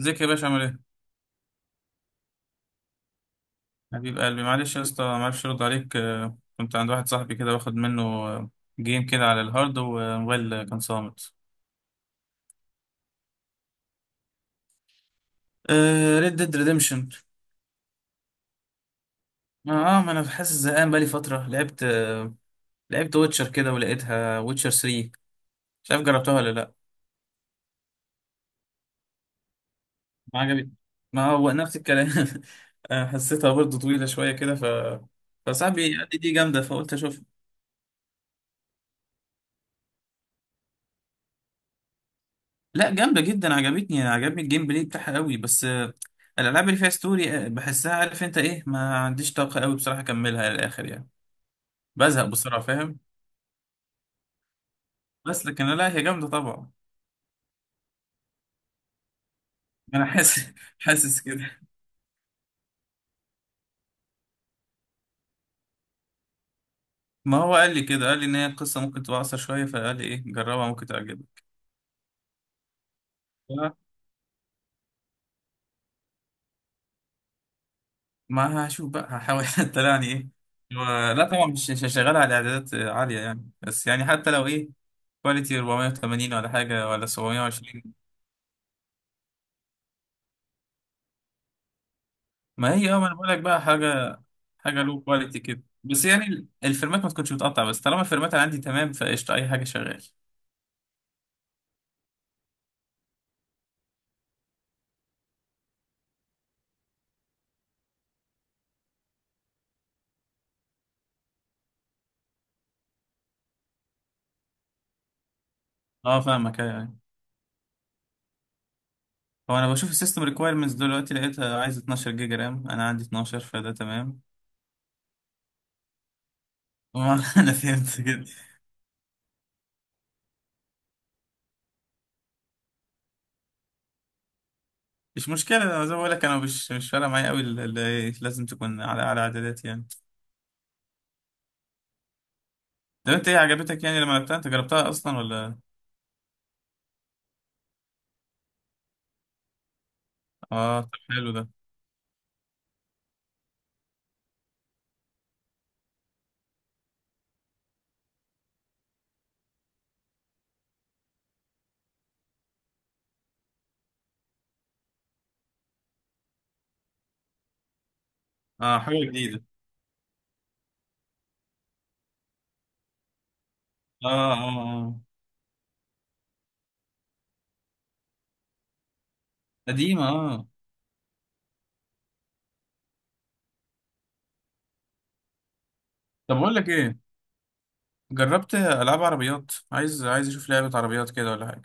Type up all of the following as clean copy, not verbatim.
ازيك يا باشا عامل ايه؟ حبيب قلبي، معلش يا اسطى معرفش ارد عليك. كنت عند واحد صاحبي كده واخد منه، جيم كده على الهارد والموبايل، كان صامت. ريد ديد ريديمشن، Red Dead Redemption. ما انا حاسس زهقان بقالي فترة. لعبت ويتشر كده، ولقيتها ويتشر 3. مش عارف جربتها ولا لا. ما عجبت، ما هو نفس الكلام. حسيتها برضه طويلة شوية كده. فصاحبي قال لي دي جامدة، فقلت اشوف. لا جامدة جدا، عجبني الجيم بلاي بتاعها قوي. بس، الألعاب اللي فيها ستوري بحسها، عارف انت ايه، ما عنديش طاقة قوي بصراحة أكملها للآخر يعني، بزهق بسرعة، فاهم. بس لكن لا، هي جامدة طبعا. أنا حاسس حاسس كده. ما هو قال لي كده، قال لي إن هي القصة ممكن تبقى أقصر شوية، فقال لي ايه جربها ممكن تعجبك. لا، ما هشوف بقى، هحاول طلعني ايه. لا طبعا مش هشغلها على إعدادات عالية يعني، بس يعني حتى لو ايه، كواليتي 480 ولا حاجة، ولا 720. ما هي ما انا بقول لك بقى حاجه، حاجه لو كواليتي كده بس، يعني الفريمات ما تكونش متقطع، بس طالما الفريمات اللي عندي تمام فقشطه اي حاجه شغال. اه، فاهمك، ايوه ايوه. هو انا بشوف السيستم ريكويرمنتس دلوقتي، لقيتها عايز 12 جيجا رام، انا عندي 12 فده تمام. ما انا فهمت كده. مش مشكله، انا زي ما بقول لك انا مش فارقه معايا قوي، لازم تكون على اعدادات يعني. طب انت ايه عجبتك يعني لما لعبتها، انت جربتها اصلا ولا؟ اه، طب حلو ده. اه حاجه جديده. اه اه اه قديمه، اه. طب بقول لك ايه، جربت العاب عربيات؟ عايز، اشوف لعبه عربيات كده ولا حاجه.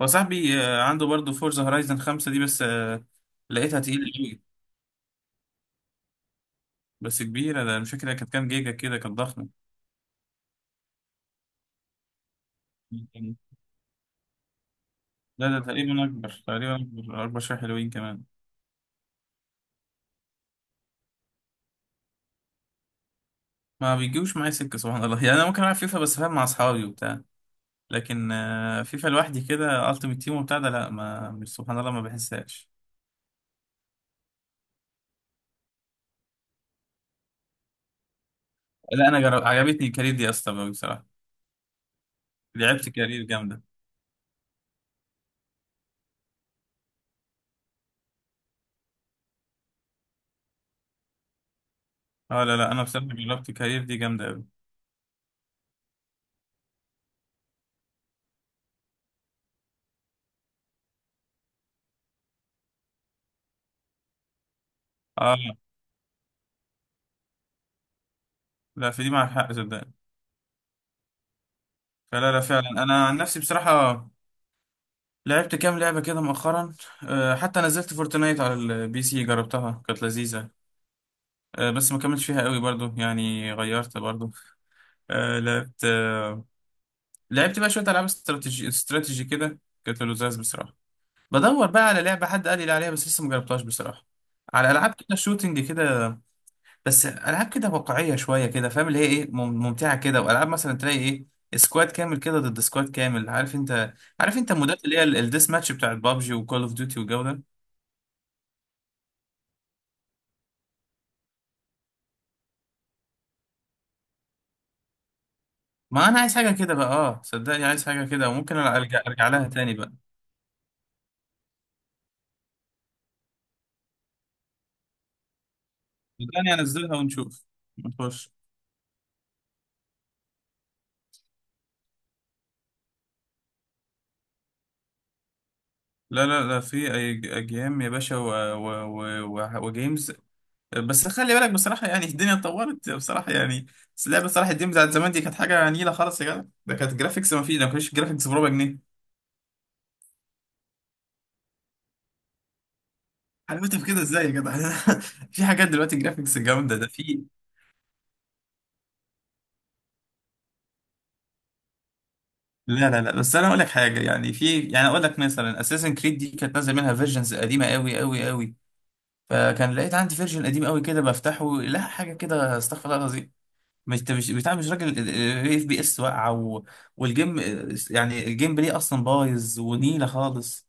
هو صاحبي عنده برضه فورزا هورايزن 5 دي، بس لقيتها تقيله قوي، بس كبيره. ده أنا مش فاكر هي كانت كام جيجا كده، كانت ضخمه. لا ده تقريبا اكبر، تقريبا اكبر شويه، حلوين كمان. ما بيجيوش معايا سكه، سبحان الله. يعني انا ممكن العب فيفا بس فاهم، مع اصحابي وبتاع. لكن فيفا لوحدي كده، التيمت تيم وبتاع ده، لا ما مش سبحان الله ما بحسهاش. لا انا جرب، عجبتني الكارير دي اصلا أوي بصراحه، لعبت كارير جامده. اه، لا لا انا بصراحه جربت كارير دي جامده. اه، لا في دي معك حق صدقني. فلا لا فعلا، انا عن نفسي بصراحه لعبت كام لعبه كده مؤخرا. حتى نزلت فورتنايت على البي سي، جربتها كانت لذيذه، بس ما كملتش فيها قوي برضو يعني، غيرت برضو. آه، لعبت آه، لعبت بقى شويه العاب استراتيجي كده، كانت لذاذ بصراحه. بدور بقى على لعبه حد قال لي عليها بس لسه ما جربتهاش بصراحه، على العاب كده شوتنج كده. بس العاب كده واقعيه شويه كده، فاهم اللي هي ايه، ممتعه كده، والعاب مثلا تلاقي ايه، سكواد كامل كده ضد سكواد كامل، عارف انت المودات اللي هي الديس ماتش بتاعت بابجي وكول اوف ديوتي والجو ده. ما انا عايز حاجه كده بقى، اه صدقني، عايز حاجه كده، وممكن أنا ارجع لها تاني بقى. صدقني انزلها ونشوف، نخش. لا لا لا، في اي جيم يا باشا وجيمز، بس خلي بالك بصراحه، يعني الدنيا اتطورت بصراحه يعني. بس اللعبه صلاح الدين بتاعت زمان دي كانت حاجه نيله خالص يا جدع، ده كانت جرافيكس، ما فيش، ما كانش جرافيكس بربع جنيه. عملت في كده ازاي يا جدع. في حاجات دلوقتي جرافيكس جامده ده، في. لا لا لا، بس انا اقول لك حاجه، يعني في يعني، اقول لك مثلا اساسن كريد دي كانت نازل منها فيرجنز قديمه قوي قوي قوي. فكان لقيت عندي فيرجن قديم قوي كده بفتحه، لا حاجه كده، استغفر الله العظيم. مش انت، مش بتاع، مش راجل. اف بي اس واقعه، والجيم، يعني الجيم بلاي اصلا بايظ ونيله خالص.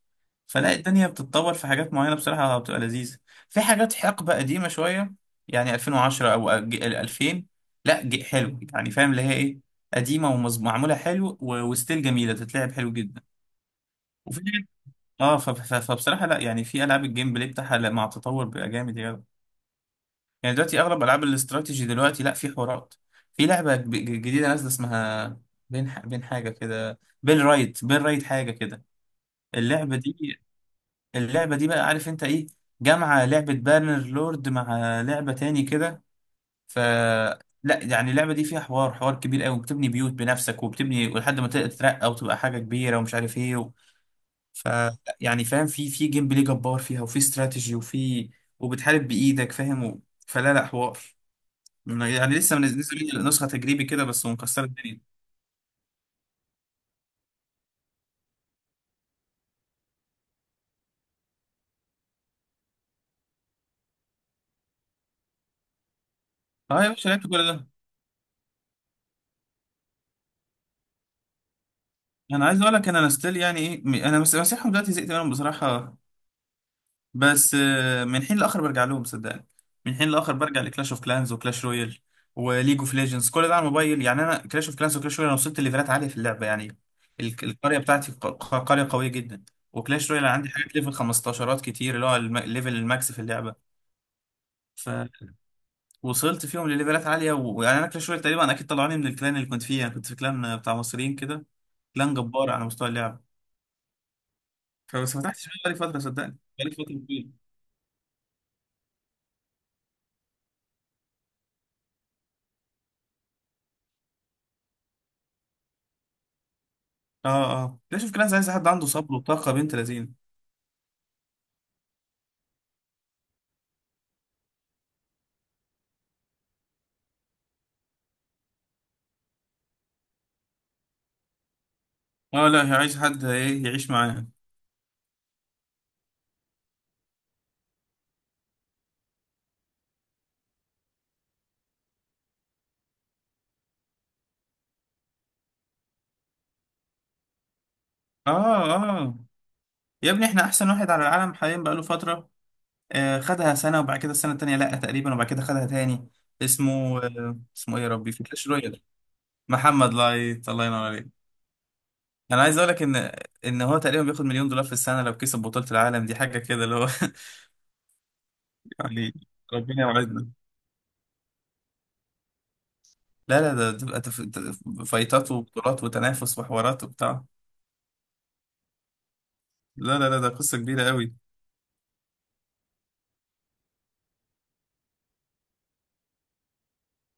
فلا، الدنيا بتتطور في حاجات معينه بصراحه بتبقى لذيذه. في حاجات حقبه قديمه شويه، يعني 2010 او 2000، لا حلو يعني فاهم اللي هي ايه، قديمه ومعموله حلو، وستيل جميله، تتلعب حلو جدا. وفي حاجات- اه ف... ف... فبصراحه، لا يعني، في العاب الجيم بلاي بتاعها، لا، مع التطور بقى جامد يعني. يعني دلوقتي اغلب العاب الاستراتيجي دلوقتي، لا، في حوارات. في لعبه جديده نازله، اسمها بين رايت حاجه كده، اللعبه دي اللعبه دي بقى، عارف انت ايه، جامعه لعبه بانر لورد مع لعبه تاني كده. ف لا يعني اللعبه دي فيها حوار، حوار كبير قوي، بتبني بيوت بنفسك، وبتبني لحد ما تترقى وتبقى حاجه كبيره ومش عارف ايه، ف يعني فاهم، في جيم بلاي جبار فيها، وفي استراتيجي، وبتحارب بايدك، فاهم، فلا لا حوار. يعني لسه منزلين نسخه تجريبي كده بس، ومكسره الدنيا. اه يا باشا، لعبت كل ده. انا عايز اقول لك، أنا ستيل يعني ايه، انا بس مسيحهم دلوقتي، زهقت منهم بصراحه، بس من حين لاخر برجع لهم صدقني، من حين لاخر برجع لكلاش اوف كلانز وكلاش رويال وليج اوف ليجندز، كل ده على الموبايل. يعني انا كلاش اوف كلانز وكلاش رويال، انا وصلت ليفلات عاليه في اللعبه، يعني القريه بتاعتي قريه قويه جدا. وكلاش رويال عندي حاجات ليفل 15 كتير، اللي هو ليفل الماكس في اللعبه. وصلت فيهم لليفلات عاليه، ويعني انا كلاش رويال تقريبا اكيد طلعوني من الكلان اللي كنت فيه. انا كنت في كلان بتاع مصريين كده، كلان جبار على مستوى اللعب. فبس ما فتحتش بقى بقالي فتره، صدقني بقالي فتره كبيره. اه اه، ليش في كلان عايز حد عنده صبر وطاقه بنت لذين. اه، لا هي عايز حد ايه يعيش معانا. اه اه، يا ابني احنا احسن واحد على العالم حاليا بقاله فتره، آه خدها سنه، وبعد كده السنه التانيه لا تقريبا، وبعد كده خدها تاني. اسمه، اسمه ايه يا ربي في كلاش رويال؟ محمد لايت، الله ينور عليك. انا عايز اقول لك ان هو تقريبا بياخد $1 مليون في السنه لو كسب بطوله العالم دي، حاجه كده اللي هو. يعني ربنا يوعدنا. لا لا ده تبقى فايتات وبطولات وتنافس وحوارات وبتاع. لا لا لا، ده قصه كبيره قوي.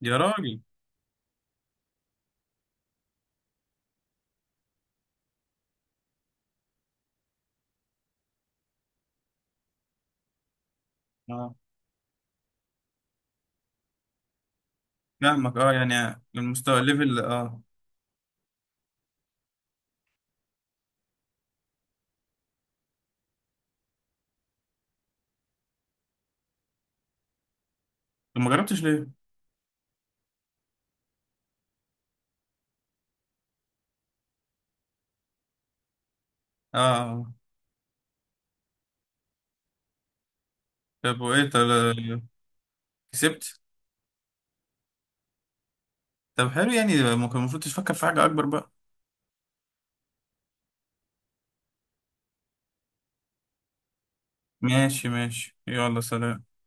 يا راجل. اه فاهمك، اه يعني المستوى الليفل، اه. طب ما جربتش ليه؟ اه. آه. طب وايه، طب كسبت؟ طب حلو يعني، ممكن المفروض تفكر في حاجه اكبر بقى. ماشي ماشي، يلا سلام.